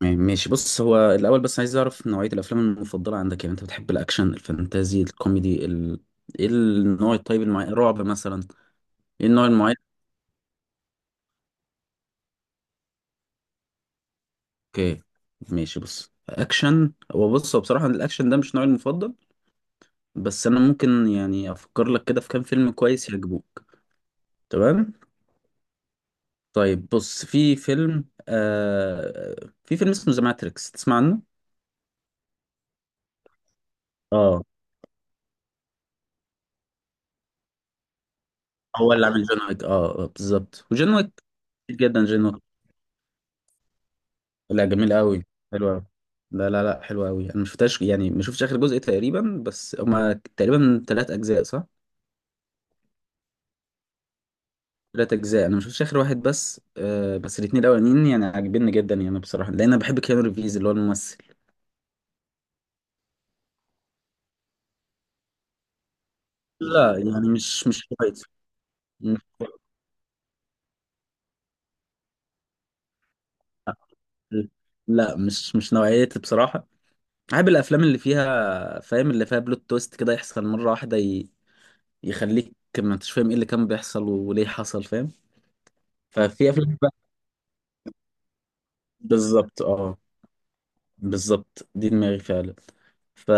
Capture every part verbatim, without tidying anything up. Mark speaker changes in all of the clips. Speaker 1: تمام، ماشي. بص هو الأول بس عايز أعرف نوعية الأفلام المفضلة عندك. يعني أنت بتحب الأكشن الفانتازي الكوميدي ال... إيه النوع الطيب المعين؟ رعب مثلا؟ إيه النوع المعين؟ أوكي ماشي. بص أكشن، هو بص هو بصراحة الأكشن ده مش نوعي المفضل. بس أنا ممكن يعني أفكر لك كده في كام فيلم كويس يعجبوك. تمام. طيب بص، في فيلم آه... في فيلم اسمه ذا ماتريكس، تسمع عنه؟ اه، هو اللي عامل جون ويك. اه آه، بالظبط، وجون ويك كتير جدا، جون ويك. لا جميل قوي. حلو قوي. لا لا لا حلو قوي، انا ما شفتهاش، يعني ما شفتش اخر جزء تقريبا، بس هما تقريبا ثلاث اجزاء صح؟ ثلاث اجزاء، انا ما شفتش اخر واحد، بس آه بس الاثنين الاولانيين يعني عاجبني جدا يعني بصراحه، لان انا بحب كيانو ريفيز اللي هو الممثل. لا يعني مش مش كويس. لا مش مش نوعيتي بصراحه. بحب الافلام اللي فيها، فاهم، اللي فيها بلوت تويست كده يحصل مره واحده ي... يخليك ما انتش فاهم ايه اللي كان بيحصل وليه حصل، فاهم. ففي افلام بقى- بالظبط اه. بالظبط دي دماغي فعلا. ف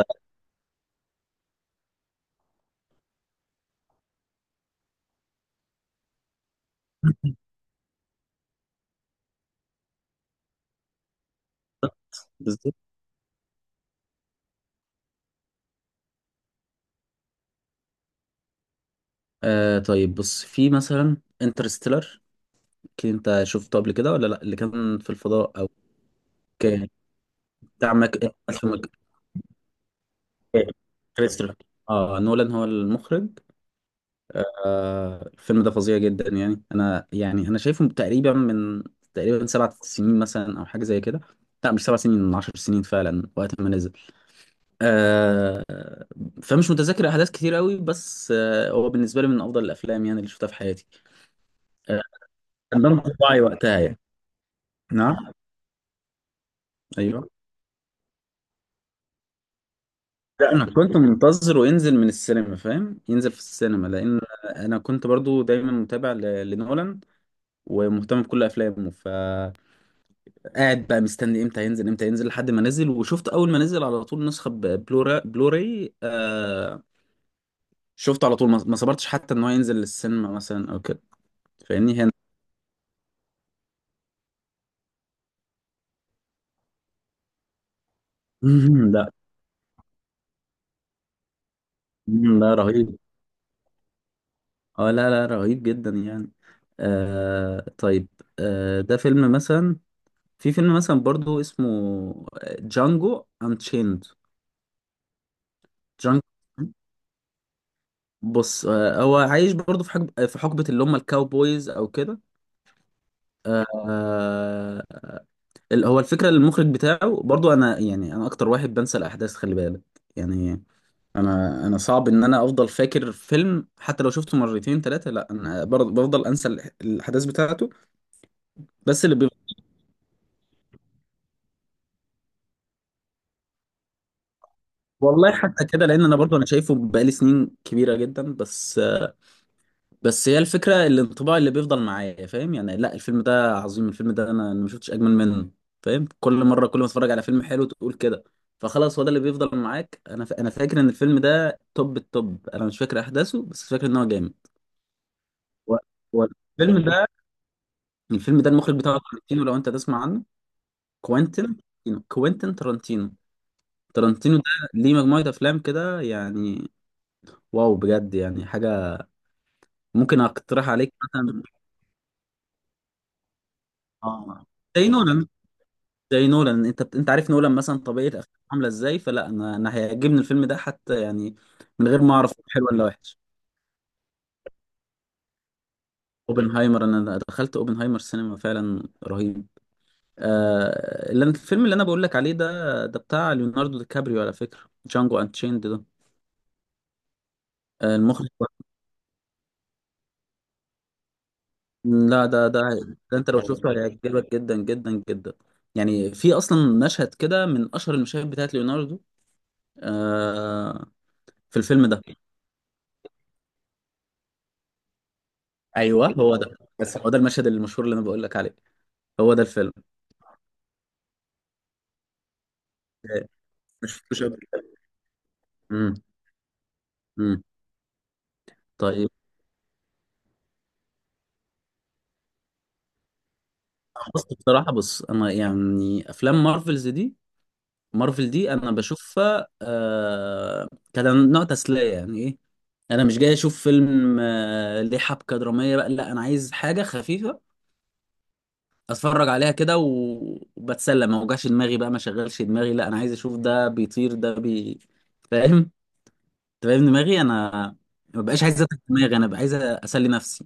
Speaker 1: بالظبط. آه طيب، بص في مثلا انترستيلر. اكيد انت شفته قبل كده ولا لا؟ اللي كان في الفضاء، او كان بتاع ماك. انترستيلر، اه نولان هو المخرج. آه الفيلم ده فظيع جدا. يعني انا يعني انا شايفه تقريبا من تقريبا سبع سنين مثلا او حاجه زي كده. لا مش سبع سنين، من عشر سنين فعلا، وقت ما نزل. آه فمش متذكر احداث كتير قوي، بس آه هو بالنسبه لي من افضل الافلام يعني اللي شفتها في حياتي. آه كان ده انطباعي وقتها يعني. نعم. ايوه. لا انا كنت منتظره ينزل من السينما، فاهم، ينزل في السينما، لان انا كنت برضو دايما متابع ل- لنولان ومهتم بكل افلامه، فقاعد بقى مستني امتى ينزل امتى ينزل لحد ما نزل، وشفت اول ما نزل على طول نسخه بلورا بلوراي. آه شفته على طول، ما ما صبرتش حتى ان هو ينزل للسينما مثلا او كده. فاهمني هنا. لا. مم، لا رهيب. اه لا لا رهيب جدا يعني. آه طيب. آه ده فيلم مثلا، في فيلم مثلا برضو اسمه جانجو انشيند. جانجو، بص آه هو عايش برضو في حقب في حقبة اللي هم الكاوبويز او كده. آه. ال- هو الفكرة المخرج بتاعه برضو، انا يعني انا اكتر واحد بنسى الاحداث، خلي بالك. يعني انا انا صعب ان انا افضل فاكر فيلم، حتى لو شفته مرتين ثلاثة، لا انا برضو بفضل انسى الأح- الاحداث بتاعته. بس اللي بيبقى، والله حتى كده، لان انا برضو انا شايفه بقالي سنين كبيره جدا، بس بس هي الفكره، الانطباع اللي بيفضل معايا، فاهم يعني، لا الفيلم ده عظيم، الفيلم ده انا أنا ما شفتش اجمل منه، فاهم. كل مره كل ما اتفرج على فيلم حلو تقول كده. فخلاص هو ده اللي بيفضل معاك. انا ف... انا فاكر ان الفيلم ده توب التوب، انا مش فاكر احداثه بس فاكر ان هو جامد. و... و... الفيلم ده الفيلم ده المخرج بتاعه تارانتينو، لو انت تسمع عنه. كوينتين كوينتين تارانتينو. تارانتينو ده ليه مجموعه افلام كده يعني، واو بجد، يعني حاجه ممكن اقترح عليك مثلا. اه زي نولان. زي نولان، انت بت... انت عارف نولان مثلا طبيعه افلامه عامله ازاي، فلا انا انا هيعجبني الفيلم ده حتى، يعني من غير ما اعرف هو حلو ولا وحش. اوبنهايمر، انا دخلت اوبنهايمر سينما فعلا رهيب. آه... اللي أنا- الفيلم اللي انا بقول لك عليه ده ده بتاع ليوناردو دي كابريو على فكره، جانجو انشيند ده. آه المخرج. لا ده ده ده انت لو شفته هيعجبك جدا جدا جدا. يعني في اصلا مشهد كده من اشهر المشاهد بتاعت ليوناردو، آه، في الفيلم ده. ايوه هو ده، بس هو ده المشهد المشهور اللي انا بقول لك عليه، هو ده الفيلم. إيه، مش شفتوش قبل كده. امم. امم. طيب. بص بصراحه بص انا يعني افلام مارفلز دي، مارفل دي انا بشوفها آه كده نوع تسليه، يعني ايه، انا مش جاي اشوف فيلم آه ليه حبكه دراميه بقى، لا انا عايز حاجه خفيفه اتفرج عليها كده، و- وبتسلى، ما اوجعش دماغي بقى، ما شغلش دماغي، لا انا عايز اشوف ده بيطير ده بي فاهم، تبقى ابن دماغي انا. ما بقاش عايز اتعب دماغي، انا بقى عايز اسلي نفسي.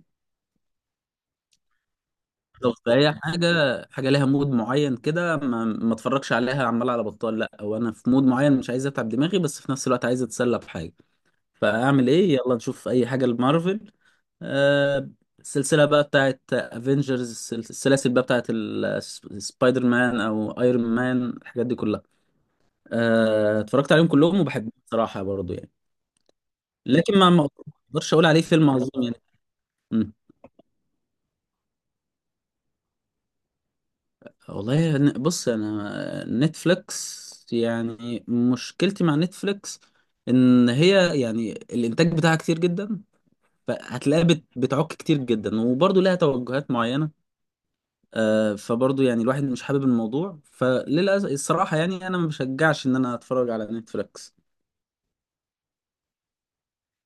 Speaker 1: بالظبط. فهي حاجه، حاجه ليها مود معين كده، ما, ما اتفرجش عليها عمال على بطال، لا هو انا في مود معين مش عايز اتعب دماغي، بس في نفس الوقت عايز اتسلى بحاجه، فاعمل ايه؟ يلا نشوف اي حاجه لمارفل. آه السلسله بقى بتاعت افنجرز، السلاسل بقى بتاعت ال- سبايدر مان او ايرون مان، الحاجات دي كلها. آه اتفرجت عليهم كلهم وبحبهم بصراحه برضو يعني، لكن ما ما اقدرش اقول عليه فيلم عظيم. يعني والله ن- بص انا نتفليكس، يعني مشكلتي مع نتفليكس ان هي يعني الانتاج بتاعها كتير جدا، فهتلاقيها بت- بتعك كتير جدا، وبرضه لها توجهات معينه آه، فبرضه يعني الواحد مش حابب الموضوع، فللاسف الصراحه يعني انا ما بشجعش ان انا اتفرج على نتفليكس.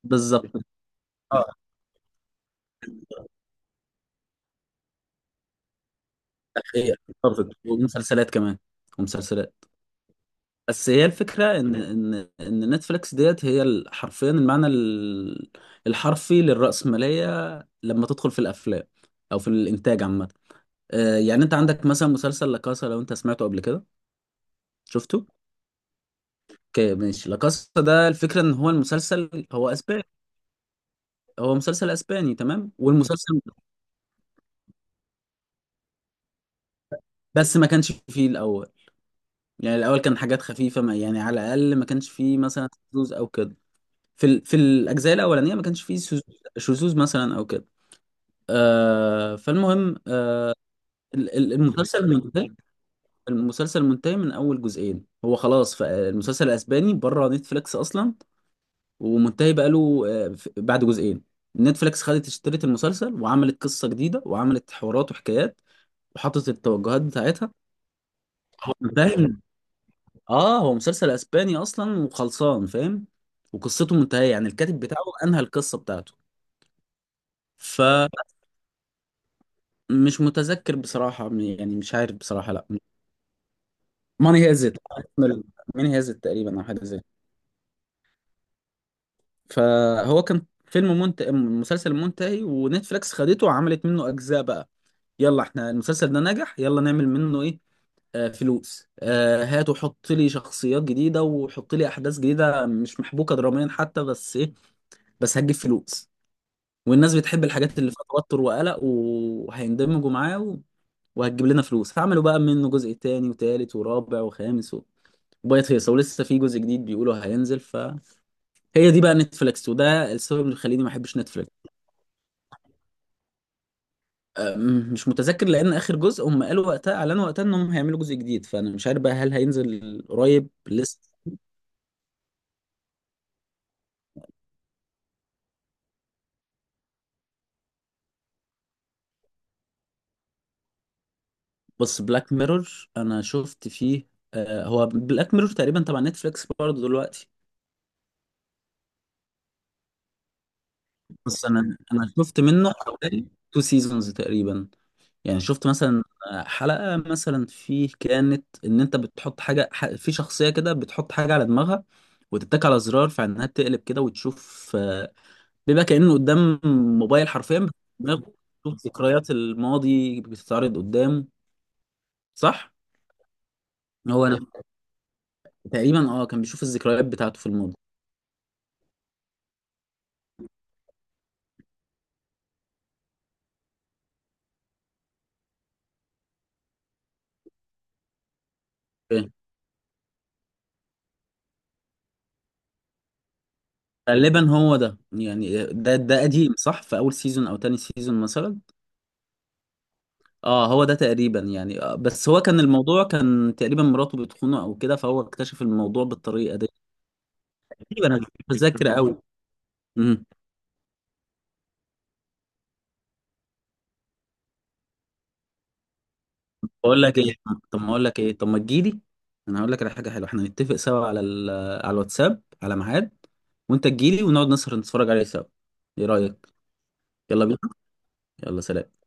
Speaker 1: بالظبط. اه. أخي- ومسلسلات كمان. ومسلسلات. بس هي الفكرة إن إن إن نتفليكس ديت هي ال- حرفيا المعنى ال- الحرفي للرأسمالية، لما تدخل في الأفلام، أو في الإنتاج عامة، آه، يعني أنت عندك مثلا مسلسل لاكاسا، لو أنت سمعته قبل كده. شفته؟ اوكي ماشي. لاكاسا ده الفكرة إن هو المسلسل هو أسباني. هو مسلسل أسباني تمام، والمسلسل بس ما كانش فيه الأول، يعني الأول كان حاجات خفيفة، ما يعني على الأقل ما كانش فيه مثلا شذوذ أو كده. في ال... في الأجزاء الأولانية ما كانش فيه شذوذ، شذوذ مثلا أو كده. آه فالمهم آه، ال- ال- المسلسل الفكرة منتهي. المسلسل منتهي من اول جزئين هو خلاص، فالمسلسل الاسباني بره نتفليكس اصلا، ومنتهي بقاله، آه ف- بعد جزئين نتفليكس خدت اشترت المسلسل وعملت قصة جديدة وعملت حوارات وحكايات، وحطت التوجهات بتاعتها. هو منتهي من- اه هو مسلسل اسباني اصلا وخلصان، فاهم، وقصته منتهية، يعني الكاتب بتاعه انهى القصة بتاعته. فمش متذكر بصراحة، يعني مش عارف بصراحة، لا. ماني هيزت ماني هيزت تقريبا او حاجه زي كده. فهو كان فيلم منت... مسلسل منتهي، ونتفليكس خدته وعملت منه اجزاء بقى، يلا احنا المسلسل ده نجح، يلا نعمل منه ايه، آه فلوس، آه هات وحط لي شخصيات جديده وحط لي احداث جديده مش محبوكه دراميا حتى، بس ايه، بس هتجيب فلوس، والناس بتحب الحاجات اللي فيها توتر وقلق وهيندمجوا معاه و... وهتجيب لنا فلوس، فعملوا بقى منه جزء تاني وتالت ورابع وخامس و... وبقت هيصة، ولسه في جزء جديد بيقولوا هينزل، ف هي دي بقى نتفليكس، وده السبب اللي مخليني ما احبش نتفليكس. أم، مش متذكر، لان اخر جزء هم قالوا وقتها اعلنوا وقتها انهم هيعملوا جزء جديد، فانا مش عارف بقى هل هينزل قريب لسه. بس بلاك ميرور انا شفت فيه، آه، هو بلاك ميرور تقريبا تبع نتفليكس برضه دلوقتي. بس انا انا شفت منه حوالي تو سيزونز تقريبا، يعني شفت مثلا حلقة مثلا فيه، كانت ان انت بتحط حاجة ح- في شخصية كده، بتحط حاجة على دماغها وتتك على زرار، فانها تقلب كده وتشوف، آه، بيبقى كأنه قدام موبايل حرفيا، بس دماغه بتشوف ذكريات الماضي بتتعرض قدامه، صح؟ هو، انا تقريبا، اه كان بيشوف الذكريات بتاعته في الماضي. أوكي. غالبا هو ده، يعني ده ده قديم صح، في اول سيزون او تاني سيزون مثلا. اه هو ده تقريبا يعني، آه بس هو كان الموضوع كان تقريبا مراته بتخونه او كده، فهو اكتشف الموضوع بالطريقه دي، تقريبا انا مش متذكر قوي. بقول لك ايه، طب ما اقول لك ايه، طب ما تجيلي، انا هقول لك على حاجه حلوه، احنا نتفق سوا على ال... على الواتساب على ميعاد، وانت تجيلي ونقعد نسهر نتفرج عليه سوا. ايه رايك؟ يلا بينا. يلا سلام.